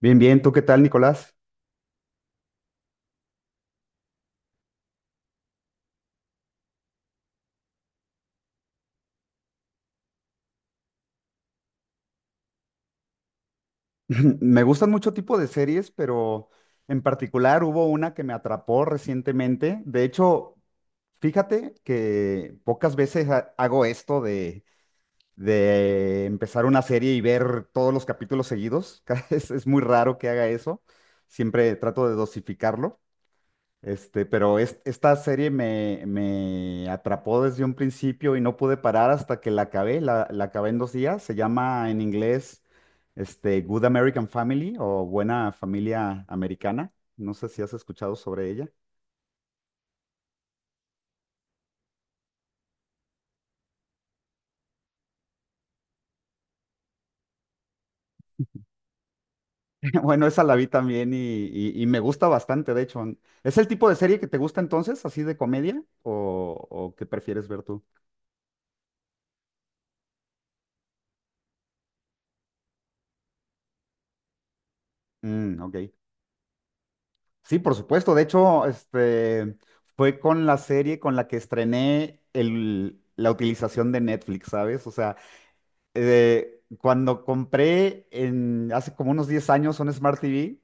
Bien, bien, ¿tú qué tal, Nicolás? Me gustan mucho tipo de series, pero en particular hubo una que me atrapó recientemente. De hecho, fíjate que pocas veces hago esto de, empezar una serie y ver todos los capítulos seguidos. Es muy raro que haga eso. Siempre trato de dosificarlo. Pero esta serie me atrapó desde un principio y no pude parar hasta que la acabé. La acabé en dos días. Se llama en inglés, Good American Family o Buena Familia Americana. No sé si has escuchado sobre ella. Bueno, esa la vi también y me gusta bastante, de hecho. ¿Es el tipo de serie que te gusta entonces, así de comedia? O qué prefieres ver tú? Mm, ok. Sí, por supuesto. De hecho, fue con la serie con la que estrené la utilización de Netflix, ¿sabes? O sea, cuando compré en, hace como unos 10 años un Smart TV,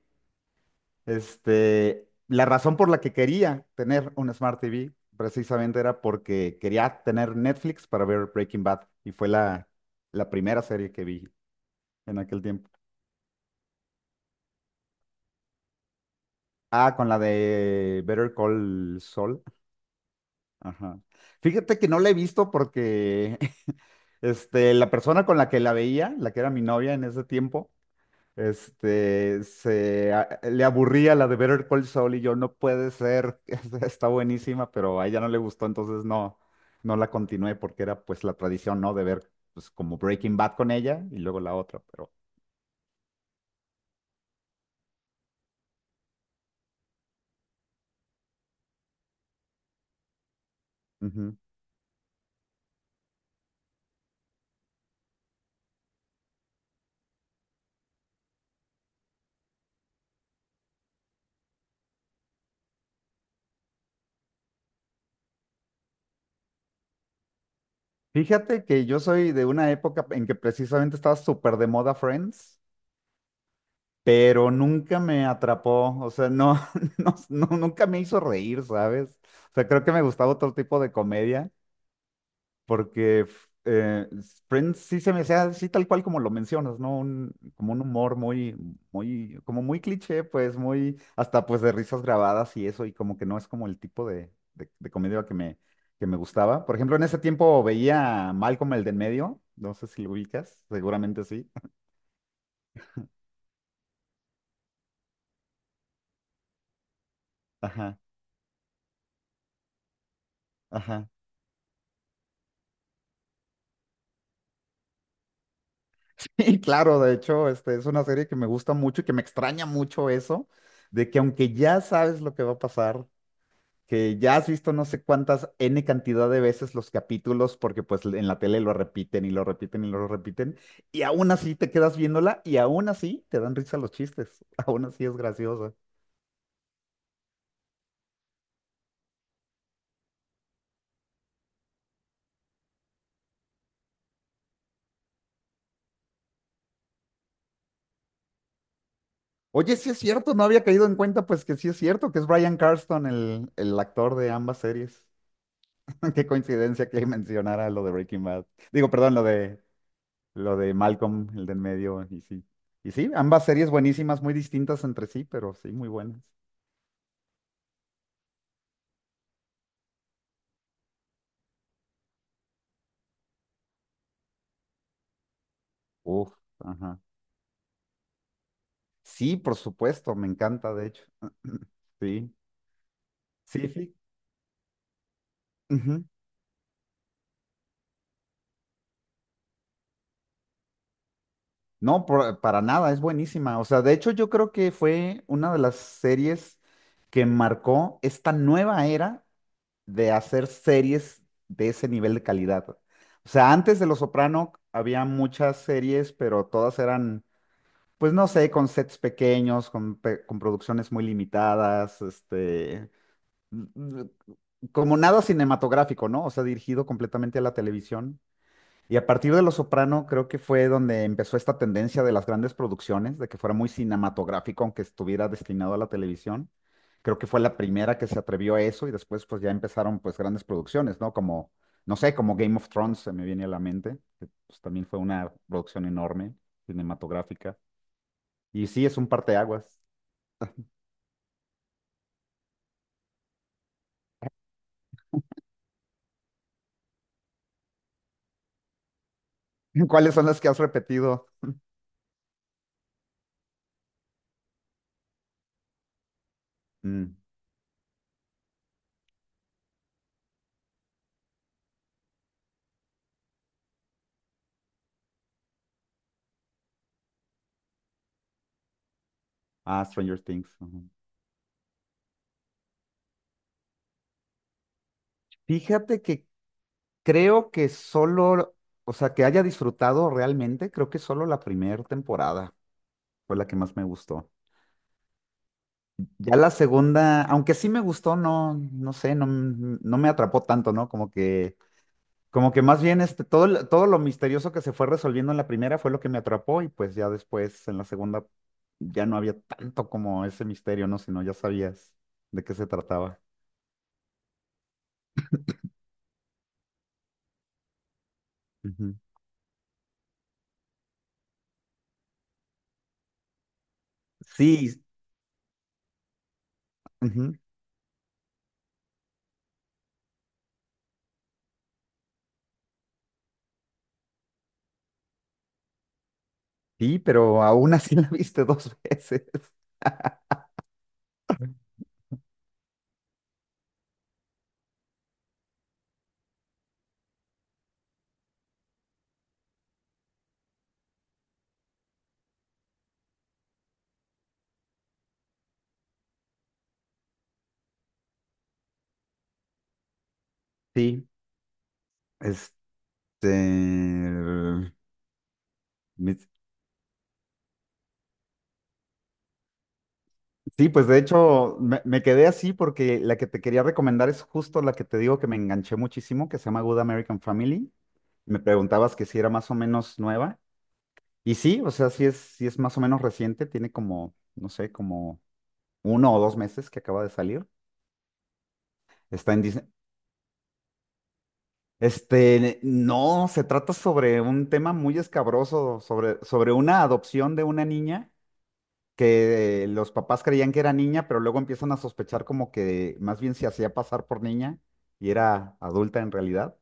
la razón por la que quería tener un Smart TV precisamente era porque quería tener Netflix para ver Breaking Bad y fue la primera serie que vi en aquel tiempo. Ah, con la de Better Call Saul. Ajá. Fíjate que no la he visto porque la persona con la que la veía, la que era mi novia en ese tiempo, le aburría la de Better Call Saul y yo, no puede ser, está buenísima, pero a ella no le gustó, entonces no, no la continué porque era pues la tradición, ¿no? De ver pues como Breaking Bad con ella y luego la otra, pero... Ujú. Fíjate que yo soy de una época en que precisamente estaba súper de moda Friends, pero nunca me atrapó, o sea, no, no, no, nunca me hizo reír, ¿sabes? O sea, creo que me gustaba otro tipo de comedia, porque Friends sí se me hacía así tal cual como lo mencionas, ¿no? Como un humor muy, muy, como muy cliché, pues muy, hasta pues de risas grabadas y eso, y como que no es como el tipo de comedia que que me gustaba. Por ejemplo, en ese tiempo veía Malcolm el de en medio, no sé si lo ubicas, seguramente sí. Ajá, ajá. Y claro, de hecho, es una serie que me gusta mucho y que me extraña mucho eso, de que aunque ya sabes lo que va a pasar, que ya has visto no sé cuántas N cantidad de veces los capítulos, porque pues en la tele lo repiten y lo repiten y lo repiten, y aún así te quedas viéndola y aún así te dan risa los chistes, aún así es graciosa. Oye, sí es cierto, no había caído en cuenta pues que sí es cierto, que es Bryan Cranston el actor de ambas series. Qué coincidencia que mencionara lo de Breaking Bad. Digo, perdón, lo de Malcolm, el del medio, y sí. Y sí, ambas series buenísimas, muy distintas entre sí, pero sí, muy buenas. Uf, ajá. Sí, por supuesto, me encanta, de hecho. Sí, sí, sí. Ujú. No, para nada, es buenísima. O sea, de hecho, yo creo que fue una de las series que marcó esta nueva era de hacer series de ese nivel de calidad. O sea, antes de Los Soprano había muchas series, pero todas eran, pues no sé, con sets pequeños, con producciones muy limitadas, mm, mm, como nada cinematográfico, ¿no? O sea, dirigido completamente a la televisión. Y a partir de Los Soprano creo que fue donde empezó esta tendencia de las grandes producciones, de que fuera muy cinematográfico, aunque estuviera destinado a la televisión. Creo que fue la primera que se atrevió a eso y después pues ya empezaron pues grandes producciones, ¿no? Como, no sé, como Game of Thrones se me viene a la mente, que pues también fue una producción enorme, cinematográfica. Y sí, es un parteaguas. ¿Cuáles son las que has repetido? Mm, ah, Stranger Things. Ujú. Fíjate que creo que solo, o sea, que haya disfrutado realmente, creo que solo la primera temporada fue la que más me gustó. Ya la segunda, aunque sí me gustó, no, no sé, no me atrapó tanto, ¿no? Como que, como que más bien todo lo misterioso que se fue resolviendo en la primera fue lo que me atrapó y pues ya después en la segunda ya no había tanto como ese misterio, ¿no? Sino ya sabías de qué se trataba. Ujú. Sí, ujú. Sí, pero aún así la viste dos veces. Sí, este... mis- Sí, pues de hecho me quedé así porque la que te quería recomendar es justo la que te digo que me enganché muchísimo, que se llama Good American Family. Me preguntabas que si era más o menos nueva. Y sí, o sea, sí es más o menos reciente, tiene como, no sé, como uno o dos meses que acaba de salir. Está en Disney. No, se trata sobre un tema muy escabroso, sobre, sobre una adopción de una niña que los papás creían que era niña, pero luego empiezan a sospechar como que más bien se hacía pasar por niña y era adulta en realidad.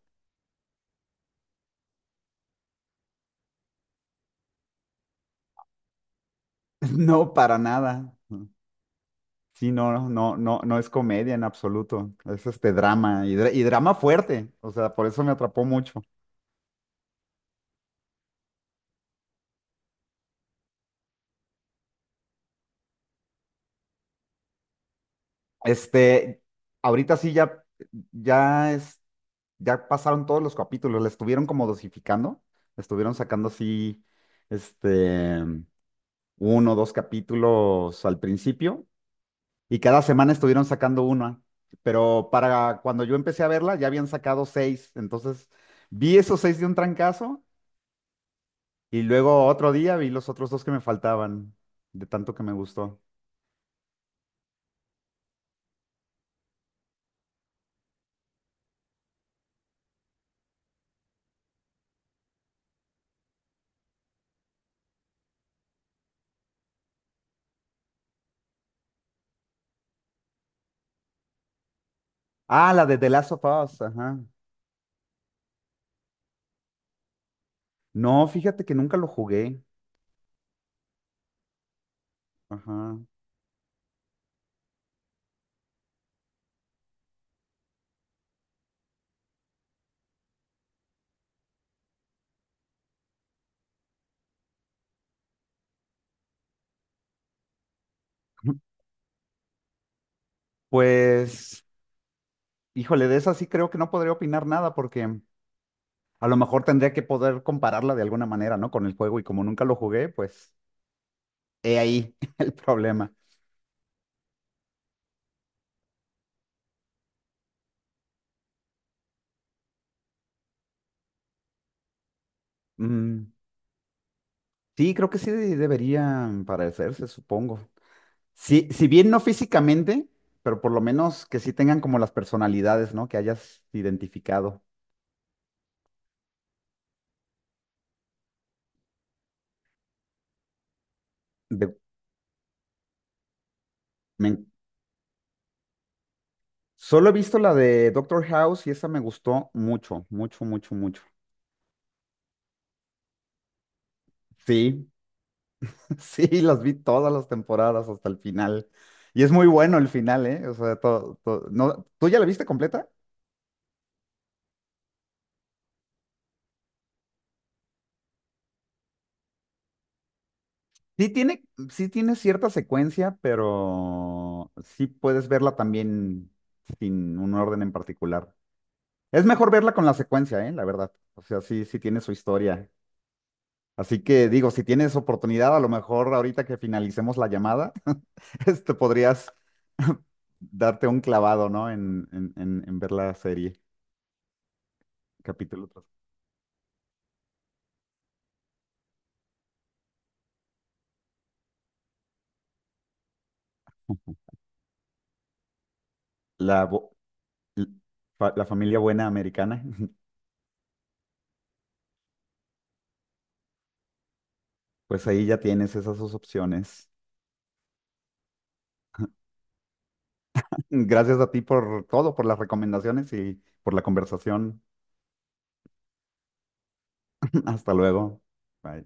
No, para nada. Sí, no, no, no, no es comedia en absoluto. Es drama y drama fuerte. O sea, por eso me atrapó mucho. Este, ahorita sí ya, ya es, ya pasaron todos los capítulos, le estuvieron como dosificando, le estuvieron sacando así, este, uno o dos capítulos al principio, y cada semana estuvieron sacando una, pero para cuando yo empecé a verla ya habían sacado seis, entonces vi esos seis de un trancazo, y luego otro día vi los otros dos que me faltaban, de tanto que me gustó. Ah, la de The Last of Us, ajá. No, fíjate que nunca lo jugué. Ajá. Pues, híjole, de esa sí creo que no podría opinar nada porque a lo mejor tendría que poder compararla de alguna manera, ¿no? Con el juego y como nunca lo jugué, pues he ahí el problema. Mm, sí, creo que sí deberían parecerse, supongo. Sí, si bien no físicamente, pero por lo menos que sí tengan como las personalidades, ¿no? Que hayas identificado. De- me- Solo he visto la de Doctor House y esa me gustó mucho, mucho, mucho, mucho. Sí. Sí, las vi todas las temporadas hasta el final. Y es muy bueno el final, ¿eh? O sea, todo, no, ¿tú ya la viste completa? Sí tiene, sí tiene cierta secuencia, pero sí puedes verla también sin un orden en particular. Es mejor verla con la secuencia, ¿eh? La verdad. O sea, sí, sí tiene su historia. Así que digo, si tienes oportunidad, a lo mejor ahorita que finalicemos la llamada, podrías darte un clavado, ¿no? En ver la serie, capítulo tras. La, bo- l- fa- La familia buena americana, pues ahí ya tienes esas dos opciones. Gracias a ti por todo, por las recomendaciones y por la conversación. Hasta luego. Bye.